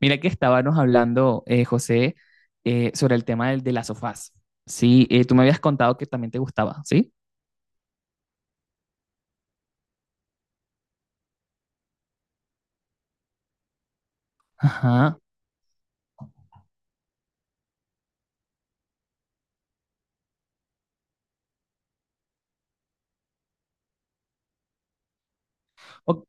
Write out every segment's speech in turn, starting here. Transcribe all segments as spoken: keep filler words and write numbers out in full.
Mira que estábamos hablando, eh, José, eh, sobre el tema del, de las sofás. Sí, eh, tú me habías contado que también te gustaba, ¿sí? Ajá. O-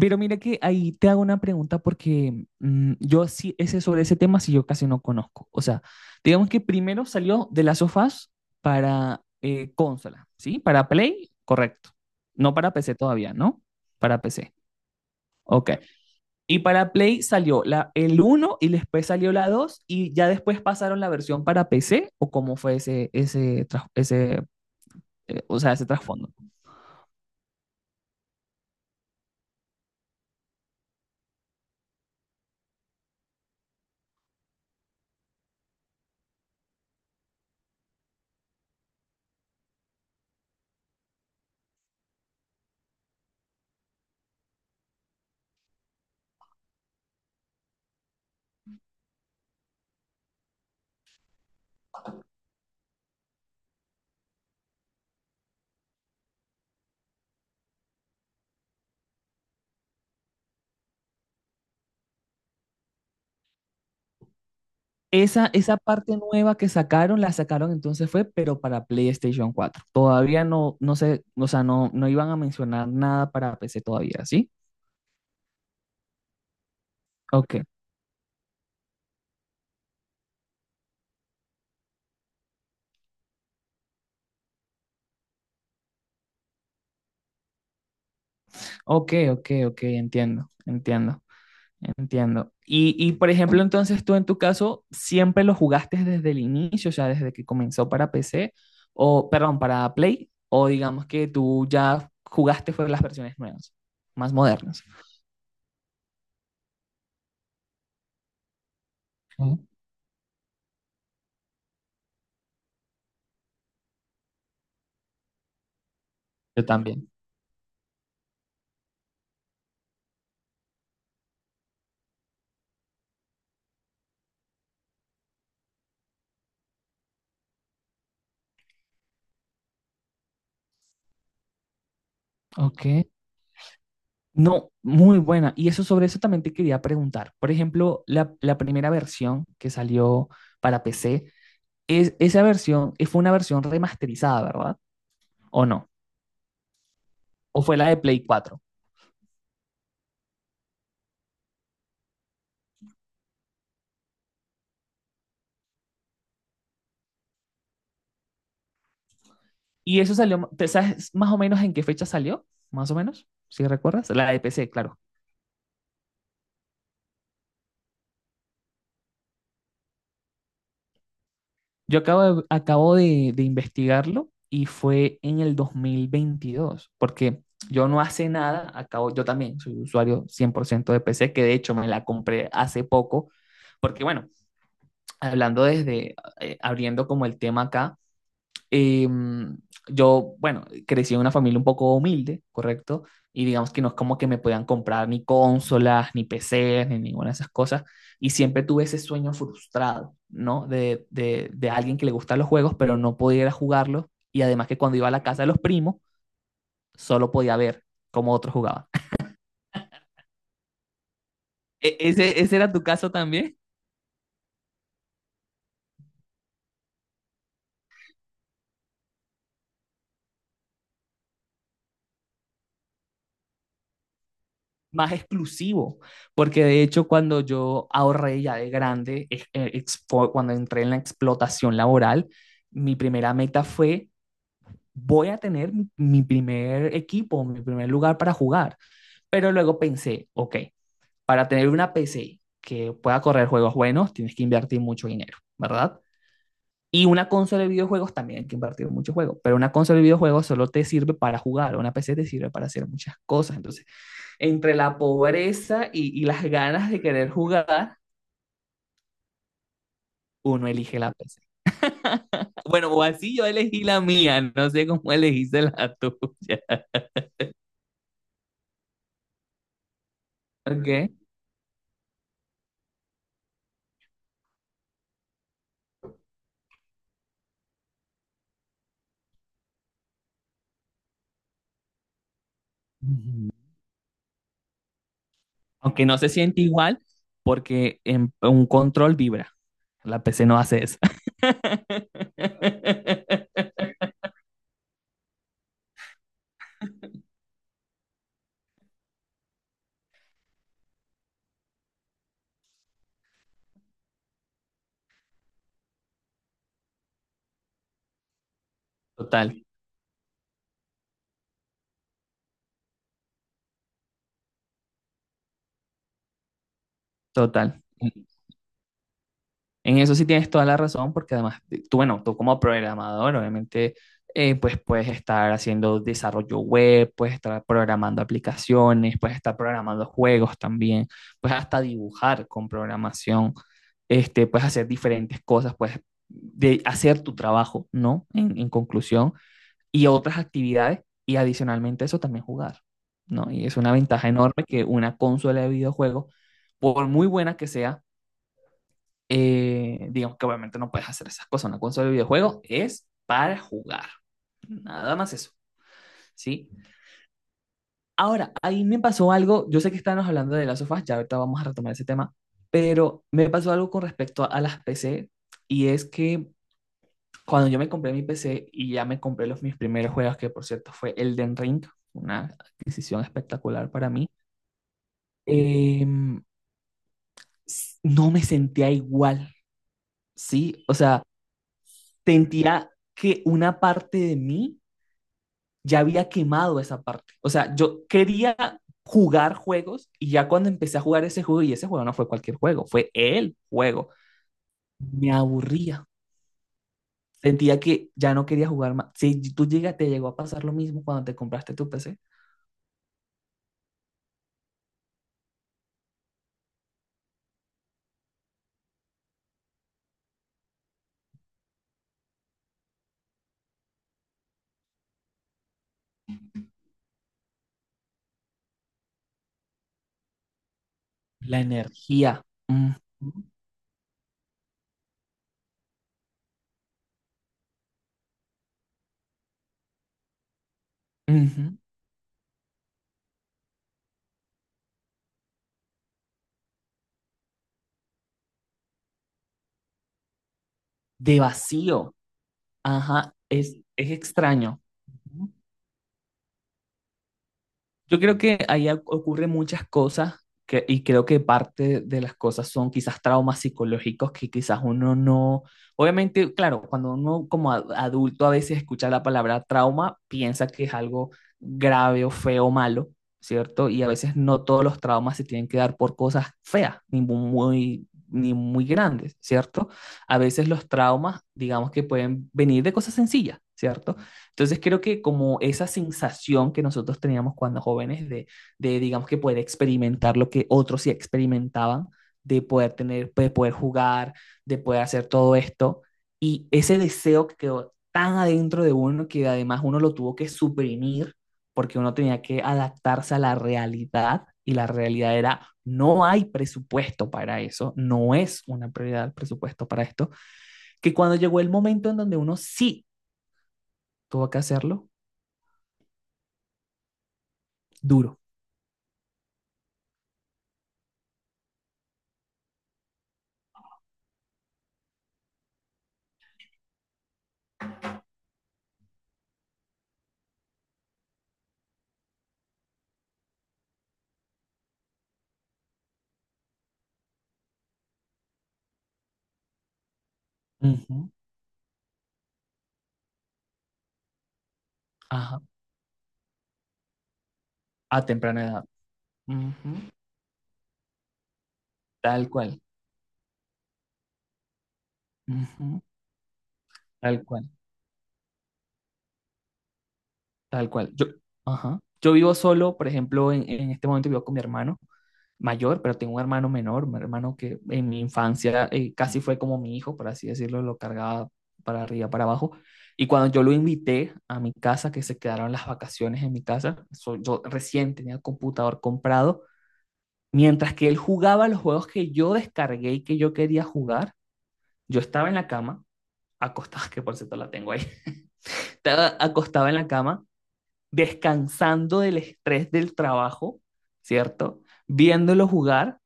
pero mira que ahí te hago una pregunta porque mm, yo sí, ese, sobre ese tema sí yo casi no conozco. O sea, digamos que primero salió de las sofás para eh, consola, ¿sí? Para Play, correcto. No para P C todavía, ¿no? Para P C. Ok. Y para Play salió la, el uno y después salió la dos y ya después pasaron la versión para P C. ¿O cómo fue ese, ese, tras- ese, eh, o sea, ese trasfondo? Esa, esa parte nueva que sacaron, la sacaron entonces fue, pero para PlayStation cuatro. Todavía no, no sé, o sea, no, no iban a mencionar nada para P C todavía, ¿sí? Ok, ok, ok, ok, entiendo, entiendo. Entiendo. Y, y, por ejemplo, entonces tú en tu caso siempre lo jugaste desde el inicio, o sea, desde que comenzó para P C, o perdón, para Play, o digamos que tú ya jugaste fue las versiones nuevas, más modernas. Ujú. Yo también. Ok. No, muy buena. Y eso sobre eso también te quería preguntar. Por ejemplo, la, la primera versión que salió para P C, es, esa versión eh, fue una versión remasterizada, ¿verdad? ¿O no? ¿O fue la de Play cuatro? Y eso salió, ¿te sabes más o menos en qué fecha salió? Más o menos, si recuerdas. La de P C, claro. Yo acabo de, acabo de, de investigarlo y fue en el dos mil veintidós, porque yo no hace nada, acabo, yo también soy usuario cien por ciento de P C, que de hecho me la compré hace poco, porque bueno, hablando desde, eh, abriendo como el tema acá. Eh, yo, bueno, crecí en una familia un poco humilde, ¿correcto? Y digamos que no es como que me podían comprar ni consolas, ni P Cs, ni ninguna de esas cosas. Y siempre tuve ese sueño frustrado, ¿no? De, de, de alguien que le gustan los juegos, pero no podía ir a jugarlos. Y además que cuando iba a la casa de los primos, solo podía ver cómo otros jugaban. ¿E- ¿Ese, ese era tu caso también? Más exclusivo, porque de hecho cuando yo ahorré ya de grande, ex- eh, expo- cuando entré en la explotación laboral, mi primera meta fue, voy a tener mi, mi primer equipo, mi primer lugar para jugar. Pero luego pensé, ok, para tener una P C que pueda correr juegos buenos, tienes que invertir mucho dinero, ¿verdad? Y una consola de videojuegos también hay que invertir mucho juego, pero una consola de videojuegos solo te sirve para jugar, una P C te sirve para hacer muchas cosas. Entonces, entre la pobreza y, y las ganas de querer jugar, uno elige la P C. Bueno, o así yo elegí la mía, no sé cómo elegiste la tuya. ¿Ok? Ujú. Aunque no se siente igual, porque en, un control vibra. La P C no hace eso. Total, total. En eso sí tienes toda la razón, porque además, de- tú, bueno, tú como programador, obviamente, eh, pues puedes estar haciendo desarrollo web, puedes estar programando aplicaciones, puedes estar programando juegos también, puedes hasta dibujar con programación, este, puedes hacer diferentes cosas, puedes de hacer tu trabajo, ¿no? En, en conclusión, y otras actividades, y adicionalmente a eso también jugar, ¿no? Y es una ventaja enorme que una consola de videojuegos, por muy buena que sea, eh, digamos que obviamente no puedes hacer esas cosas. Una consola de videojuegos es para jugar. Nada más eso, ¿sí? Ahora, ahí me pasó algo. Yo sé que estábamos hablando de las sofás, ya ahorita vamos a retomar ese tema, pero me pasó algo con respecto a las P C. Y es que cuando yo me compré mi P C y ya me compré los mis primeros juegos, que por cierto fue Elden Ring, una adquisición espectacular para mí, em, s- no me sentía igual, ¿sí? O sea, sentía que una parte de mí ya había quemado esa parte. O sea, yo quería jugar juegos y ya cuando empecé a jugar ese juego, y ese juego no fue cualquier juego, fue el juego, me aburría. Sentía que ya no quería jugar más. Si tú llegas, te llegó a pasar lo mismo cuando te compraste tu P C. La energía, ujú, ujú, de vacío, ajá, es, es extraño. Ujú. Yo creo que ahí oc- ocurren muchas cosas que, y creo que parte de las cosas son quizás traumas psicológicos que quizás uno no, obviamente, claro, cuando uno como a- adulto a veces escucha la palabra trauma, piensa que es algo grave o feo o malo, ¿cierto? Y a veces no todos los traumas se tienen que dar por cosas feas, ni mu- muy, ni muy grandes, ¿cierto? A veces los traumas, digamos que pueden venir de cosas sencillas, ¿cierto? Entonces creo que como esa sensación que nosotros teníamos cuando jóvenes de, de digamos que poder experimentar lo que otros sí experimentaban, de poder tener, de poder jugar, de poder hacer todo esto, y ese deseo que quedó tan adentro de uno que además uno lo tuvo que suprimir porque uno tenía que adaptarse a la realidad y la realidad era no hay presupuesto para eso, no es una prioridad el presupuesto para esto, que cuando llegó el momento en donde uno sí tuvo que hacerlo, duro. Ujú. Ajá. A temprana edad. Ujú. Tal cual. Ujú. Tal cual, tal cual. Yo, ajá. Yo vivo solo, por ejemplo, en, en este momento vivo con mi hermano mayor, pero tengo un hermano menor, un hermano que en mi infancia eh, casi fue como mi hijo, por así decirlo, lo cargaba para arriba, para abajo. Y cuando yo lo invité a mi casa, que se quedaron las vacaciones en mi casa, so- yo recién tenía el computador comprado, mientras que él jugaba los juegos que yo descargué y que yo quería jugar, yo estaba en la cama acostada, que por cierto la tengo ahí, estaba acostada en la cama, descansando del estrés del trabajo, ¿cierto? Viéndolo jugar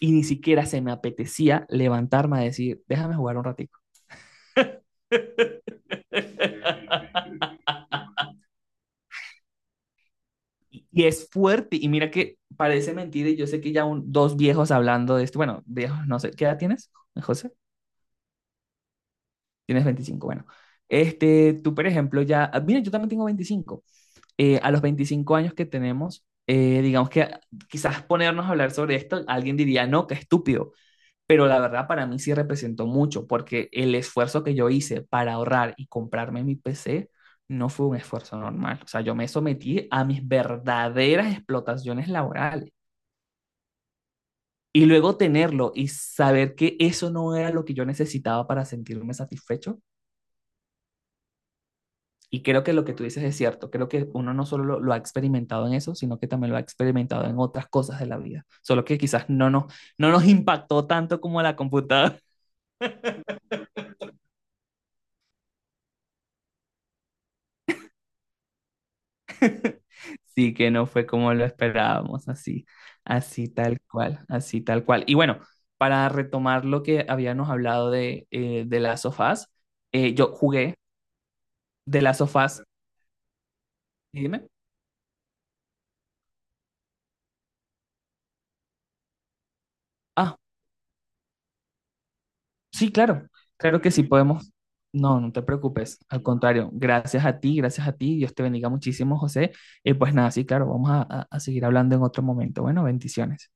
y ni siquiera se me apetecía levantarme a decir, déjame jugar un ratico. Y es fuerte, y mira que parece mentira, y yo sé que ya un, dos viejos hablando de esto, bueno, viejos, no sé, ¿qué edad tienes, José? Tienes veinticinco, bueno. Este, tú, por ejemplo, ya, mira, yo también tengo veinticinco. Eh, a los veinticinco años que tenemos, eh, digamos que quizás ponernos a hablar sobre esto, alguien diría, no, qué estúpido, pero la verdad para mí sí representó mucho, porque el esfuerzo que yo hice para ahorrar y comprarme mi P C no fue un esfuerzo normal. O sea, yo me sometí a mis verdaderas explotaciones laborales. Y luego tenerlo y saber que eso no era lo que yo necesitaba para sentirme satisfecho. Y creo que lo que tú dices es cierto. Creo que uno no solo lo, lo, ha experimentado en eso, sino que también lo ha experimentado en otras cosas de la vida. Solo que quizás no nos, no nos impactó tanto como la computadora. Sí que no fue como lo esperábamos, así, así tal cual, así tal cual. Y bueno, para retomar lo que habíamos hablado de, eh, de las sofás, eh, yo jugué de las sofás. Dime. Ah, sí, claro, claro que sí podemos. No, no te preocupes, al contrario, gracias a ti, gracias a ti, Dios te bendiga muchísimo, José. Y pues nada, sí, claro, vamos a, a a seguir hablando en otro momento. Bueno, bendiciones.